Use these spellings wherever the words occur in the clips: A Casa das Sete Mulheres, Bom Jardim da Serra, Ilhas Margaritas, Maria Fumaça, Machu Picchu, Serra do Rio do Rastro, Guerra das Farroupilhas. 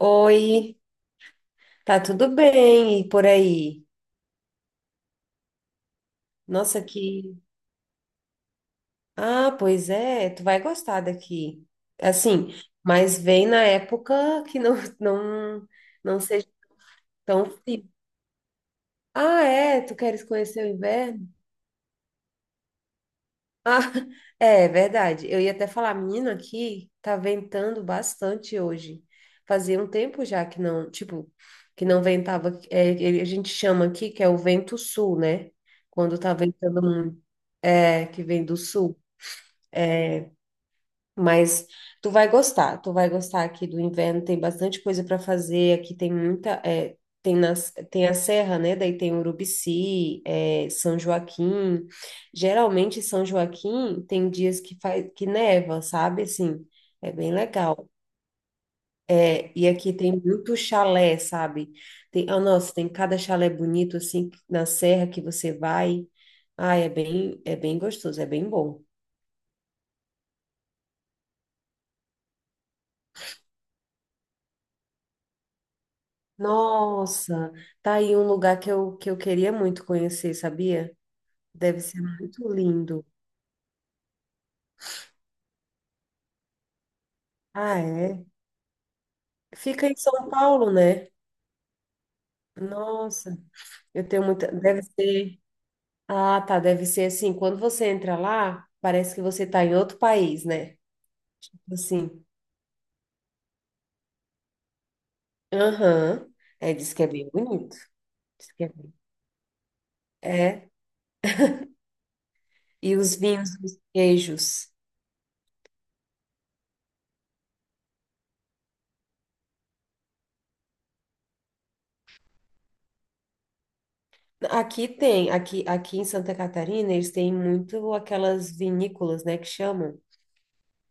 Oi, tá tudo bem e por aí? Nossa, aqui. Ah, pois é, tu vai gostar daqui. Assim, mas vem na época que não não não seja tão frio. Ah, é, tu queres conhecer o inverno? Ah, é verdade. Eu ia até falar, menina, aqui tá ventando bastante hoje. Fazia um tempo já que não, tipo, que não ventava. É, a gente chama aqui que é o vento sul, né? Quando tá ventando muito. É, que vem do sul. Mas tu vai gostar aqui do inverno, tem bastante coisa para fazer, aqui tem muita, é, tem, nas, tem a serra, né? Daí tem Urubici, é, São Joaquim. Geralmente São Joaquim tem dias que faz, que neva, sabe? Assim, é bem legal. É, e aqui tem muito chalé, sabe? Tem, ah, nossa, tem cada chalé bonito assim na serra que você vai. Ah, é bem gostoso, é bem bom. Nossa, tá aí um lugar que eu queria muito conhecer, sabia? Deve ser muito lindo. Ah, é? Fica em São Paulo, né? Nossa, eu tenho muita. Deve ser. Ah, tá. Deve ser assim. Quando você entra lá, parece que você tá em outro país, né? Tipo assim. Aham. É, diz que é bem bonito. Diz que é bem. É. E os vinhos, os queijos. Aqui tem, aqui, aqui em Santa Catarina, eles têm muito aquelas vinícolas, né, que chamam.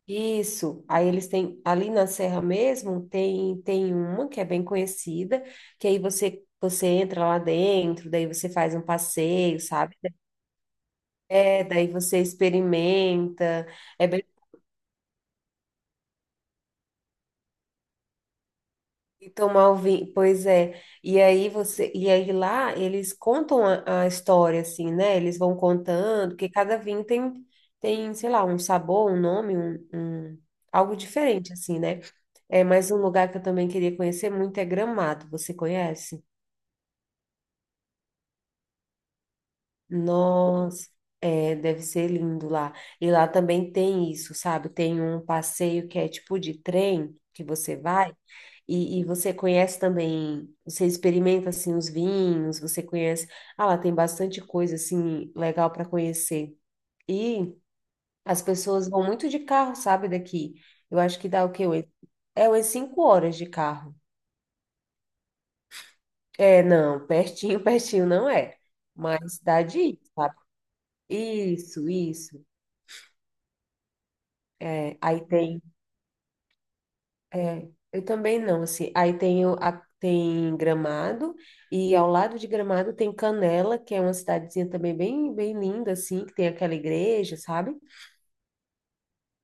Isso. Aí eles têm, ali na Serra mesmo, tem uma que é bem conhecida, que aí você entra lá dentro, daí você faz um passeio, sabe? É, daí você experimenta. É, e tomar o vinho, pois é. E aí você, e aí lá eles contam a história assim, né? Eles vão contando, porque cada vinho tem tem, sei lá, um sabor, um nome, um, algo diferente assim, né? É, mas um lugar que eu também queria conhecer muito é Gramado. Você conhece? Nossa, é, deve ser lindo lá. E lá também tem isso, sabe? Tem um passeio que é tipo de trem que você vai e você conhece também, você experimenta assim os vinhos, você conhece. Ah, lá tem bastante coisa assim legal para conhecer. E as pessoas vão muito de carro, sabe? Daqui. Eu acho que dá o quê? É umas 5 horas de carro. É, não, pertinho, pertinho não é, mas dá de ir, sabe? Isso, isso. É, aí tem, é, eu também não, assim, aí tem, tem Gramado, e ao lado de Gramado tem Canela, que é uma cidadezinha também bem, bem linda, assim, que tem aquela igreja, sabe?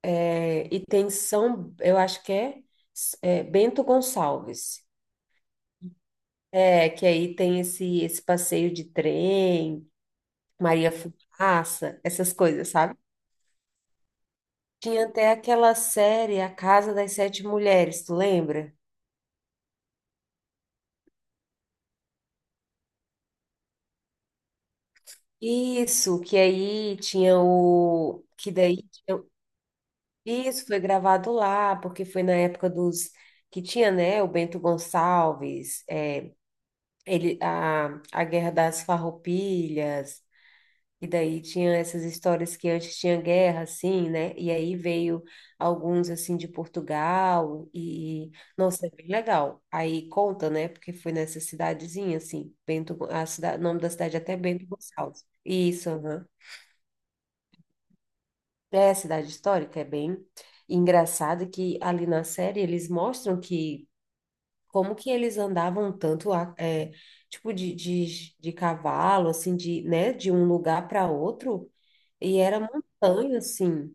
É, e tem São, eu acho que é, é, Bento Gonçalves, é, que aí tem esse passeio de trem, Maria Fumaça, essas coisas, sabe? Tinha até aquela série A Casa das Sete Mulheres, tu lembra? Isso, que aí tinha o. Que daí. Isso foi gravado lá, porque foi na época dos. Que tinha, né? O Bento Gonçalves, é, ele, a Guerra das Farroupilhas, e daí tinha essas histórias que antes tinha guerra, assim, né? E aí veio alguns, assim, de Portugal, e. Nossa, é bem legal. Aí conta, né? Porque foi nessa cidadezinha, assim, Bento, a cidade, o nome da cidade é até Bento Gonçalves. Isso, aham. É, cidade histórica, é bem engraçado que ali na série eles mostram que como que eles andavam tanto é, tipo de cavalo, assim, de, né, de um lugar para outro, e era montanha, assim,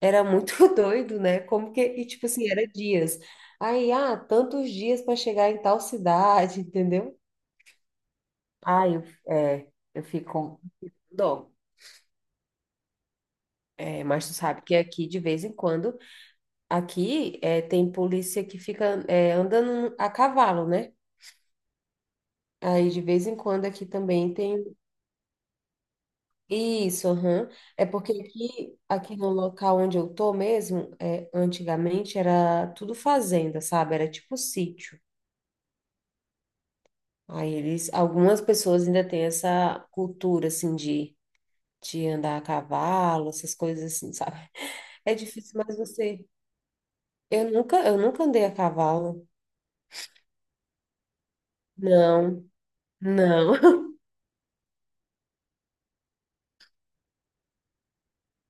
era muito doido, né? Como que, e tipo assim, era dias. Aí, ah, tantos dias para chegar em tal cidade, entendeu? Ah, eu, é, eu fico com dó. É, mas tu sabe que aqui de vez em quando aqui é, tem polícia que fica é, andando a cavalo, né? Aí de vez em quando aqui também tem. Isso, aham. É porque aqui, aqui no local onde eu tô mesmo, é, antigamente era tudo fazenda, sabe? Era tipo sítio. Aí eles, algumas pessoas ainda têm essa cultura assim de andar a cavalo, essas coisas assim, sabe? É difícil, mas você. Eu nunca andei a cavalo. Não, não.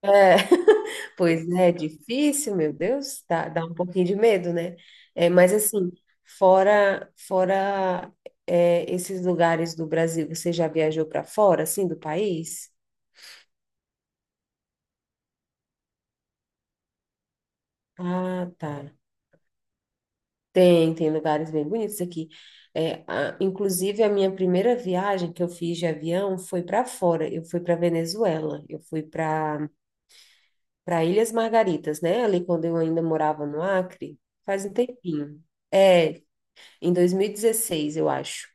É, pois é, difícil, meu Deus, dá um pouquinho de medo, né? É, mas assim, fora é, esses lugares do Brasil, você já viajou para fora, assim, do país? Ah, tá. Tem, tem lugares bem bonitos aqui. É, inclusive, a minha primeira viagem que eu fiz de avião foi para fora. Eu fui para Venezuela. Eu fui para Ilhas Margaritas, né? Ali quando eu ainda morava no Acre, faz um tempinho. É, em 2016, eu acho.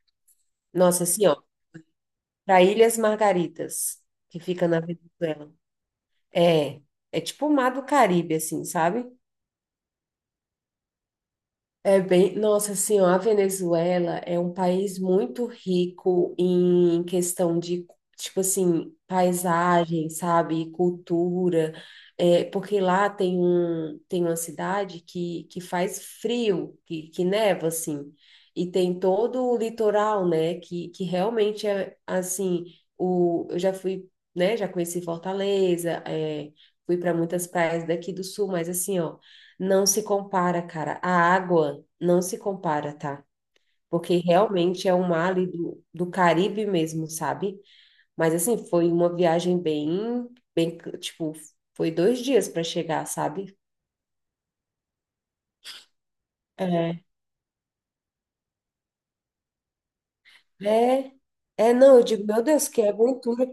Nossa, assim, ó, para Ilhas Margaritas, que fica na Venezuela. É, é tipo o Mar do Caribe, assim, sabe? É bem, nossa, senhora a Venezuela é um país muito rico em questão de, tipo assim, paisagem, sabe, cultura, é, porque lá tem um, tem uma cidade que faz frio, que neva, assim, e tem todo o litoral, né, que realmente é, assim, o, eu já fui, né, já conheci Fortaleza, é, fui para muitas praias daqui do sul, mas assim, ó, não se compara, cara. A água não se compara, tá? Porque realmente é um mar ali do Caribe mesmo, sabe? Mas assim, foi uma viagem bem, bem, tipo, foi 2 dias para chegar, sabe? É. É, não, eu digo, meu Deus, que aventura.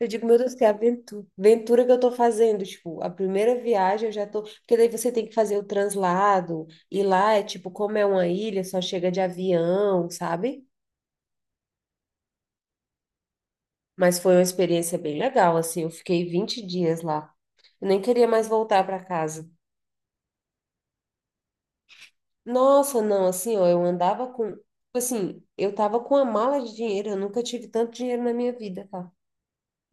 Eu digo, meu Deus, que aventura, aventura que eu tô fazendo. Tipo, a primeira viagem eu já tô. Porque daí você tem que fazer o translado, e lá é tipo, como é uma ilha, só chega de avião, sabe? Mas foi uma experiência bem legal, assim, eu fiquei 20 dias lá. Eu nem queria mais voltar para casa. Nossa, não, assim, ó, eu andava com, tipo assim, eu tava com uma mala de dinheiro, eu nunca tive tanto dinheiro na minha vida, tá?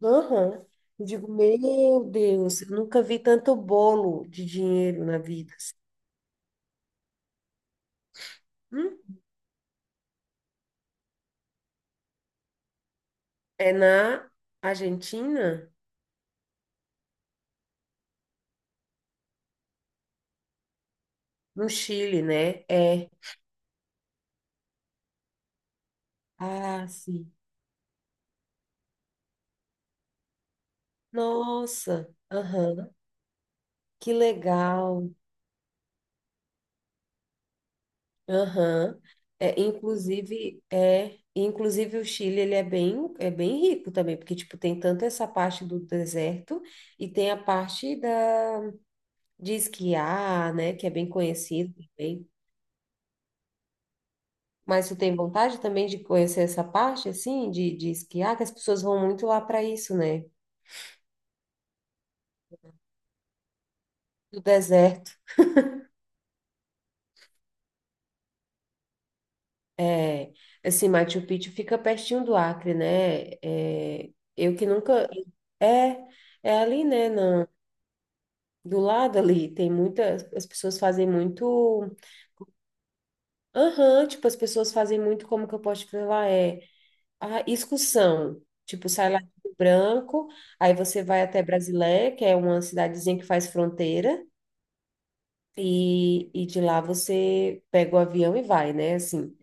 Aham. Eu digo, meu Deus, eu nunca vi tanto bolo de dinheiro na vida. Assim. Hum? É na Argentina? No Chile, né? É. Ah, sim. Nossa, aham. Que legal. Aham. É, inclusive o Chile, ele é bem rico também, porque, tipo, tem tanto essa parte do deserto e tem a parte da, de esquiar, né, que é bem conhecido também. Mas tu tem vontade também de conhecer essa parte, assim, de esquiar, que as pessoas vão muito lá para isso, né, do deserto. É, assim, Machu Picchu fica pertinho do Acre, né, é, eu que nunca... É, é ali, né, do lado ali, tem muitas, as pessoas fazem muito, aham, tipo, as pessoas fazem muito, como que eu posso te falar, é a excursão, tipo, sai lá do Branco, aí você vai até Brasilé, que é uma cidadezinha que faz fronteira, e de lá você pega o avião e vai, né, assim,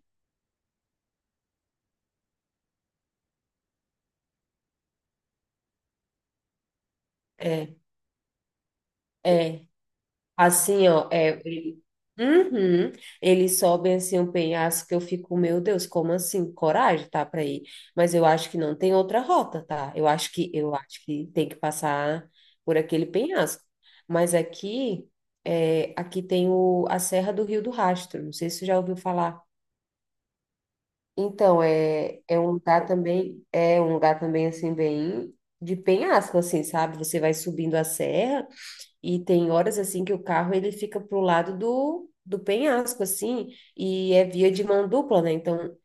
é, é, assim, ó, é, ele, uhum. Eles sobem assim um penhasco que eu fico, meu Deus, como assim? Coragem, tá, para ir. Mas eu acho que não tem outra rota, tá? Eu acho que tem que passar por aquele penhasco. Mas aqui, é, aqui tem o, a Serra do Rio do Rastro. Não sei se você já ouviu falar. Então, é, é um lugar também, é um lugar também assim bem de penhasco assim, sabe? Você vai subindo a serra e tem horas assim que o carro ele fica pro lado do penhasco assim, e é via de mão dupla, né? Então,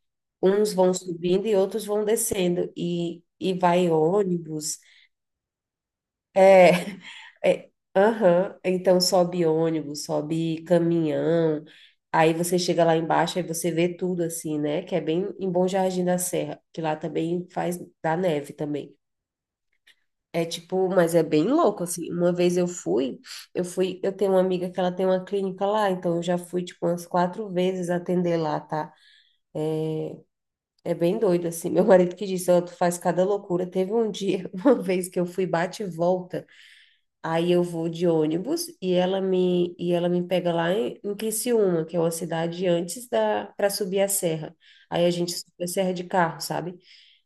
uns vão subindo e outros vão descendo e vai ônibus. É, é, aham. Então sobe ônibus, sobe caminhão. Aí você chega lá embaixo e você vê tudo assim, né? Que é bem em Bom Jardim da Serra, que lá também faz da neve também. É tipo, mas é bem louco, assim. Uma vez eu fui, eu fui, eu tenho uma amiga que ela tem uma clínica lá, então eu já fui, tipo, umas 4 vezes atender lá, tá? É bem doido, assim. Meu marido que disse, ó, tu faz cada loucura. Teve um dia, uma vez que eu fui bate e volta, aí eu vou de ônibus e ela me pega lá em, em Criciúma, que é uma cidade antes da, para subir a serra. Aí a gente sobe a serra de carro, sabe?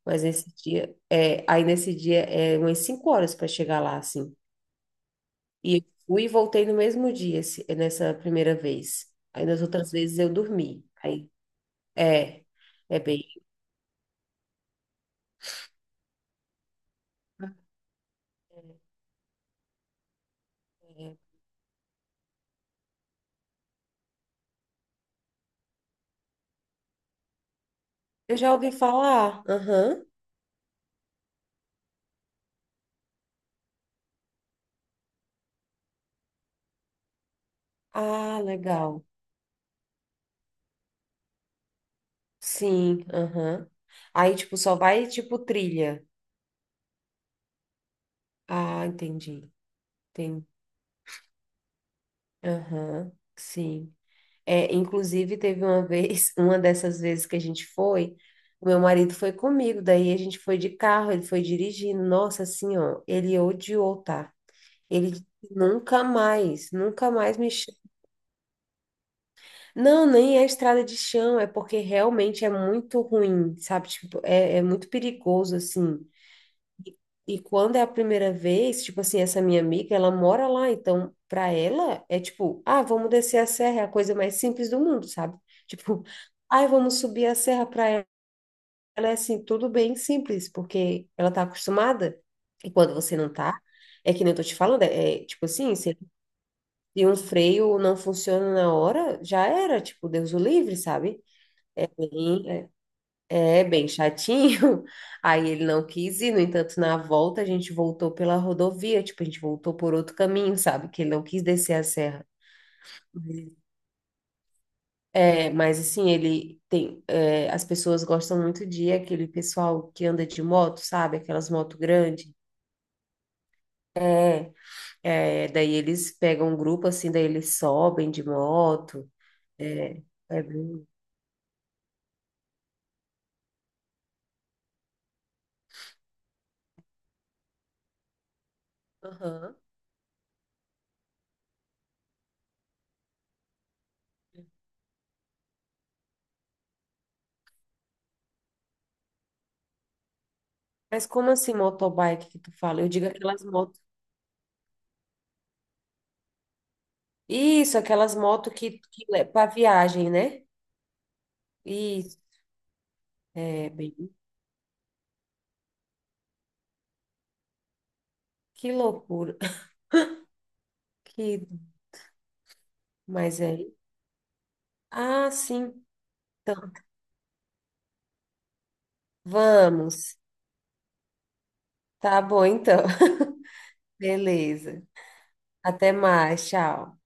Mas nesse dia, é, aí nesse dia é umas cinco horas para chegar lá, assim. E eu fui e voltei no mesmo dia, nessa primeira vez. Aí nas outras vezes eu dormi. Aí, é, é bem. Eu já ouvi falar. Aham. Ah, legal. Sim, aham. Aí, tipo, só vai, tipo, trilha. Ah, entendi. Tem. Aham, sim. É, inclusive, teve uma vez, uma dessas vezes que a gente foi, o meu marido foi comigo, daí a gente foi de carro, ele foi dirigindo. Nossa, assim, ó, ele odiou, tá? Ele disse, nunca mais, nunca mais me chama. Não, nem é estrada de chão, é porque realmente é muito ruim, sabe? Tipo, é, é muito perigoso, assim. E quando é a primeira vez, tipo assim, essa minha amiga, ela mora lá, então pra ela é tipo, ah, vamos descer a serra, é a coisa mais simples do mundo, sabe? Tipo, ai, vamos subir a serra pra ela, é assim, tudo bem simples, porque ela tá acostumada. E quando você não tá, é que nem eu tô te falando, é é, tipo assim, você e um freio não funciona na hora, já era, tipo, Deus o livre, sabe? Bem, é, é bem chatinho. Aí ele não quis ir, no entanto, na volta a gente voltou pela rodovia, tipo, a gente voltou por outro caminho, sabe? Que ele não quis descer a serra. É, mas assim, ele tem. É, as pessoas gostam muito de aquele pessoal que anda de moto, sabe? Aquelas motos grandes. É, daí eles pegam um grupo assim, daí eles sobem de moto. É, é bem. Aham. Mas como assim motobike que tu fala? Eu digo aquelas motos. Isso, aquelas motos que pra viagem, né? Isso, é bem. Que loucura. Que, mas é. Ah, sim. Então, vamos. Tá bom, então. Beleza. Até mais. Tchau.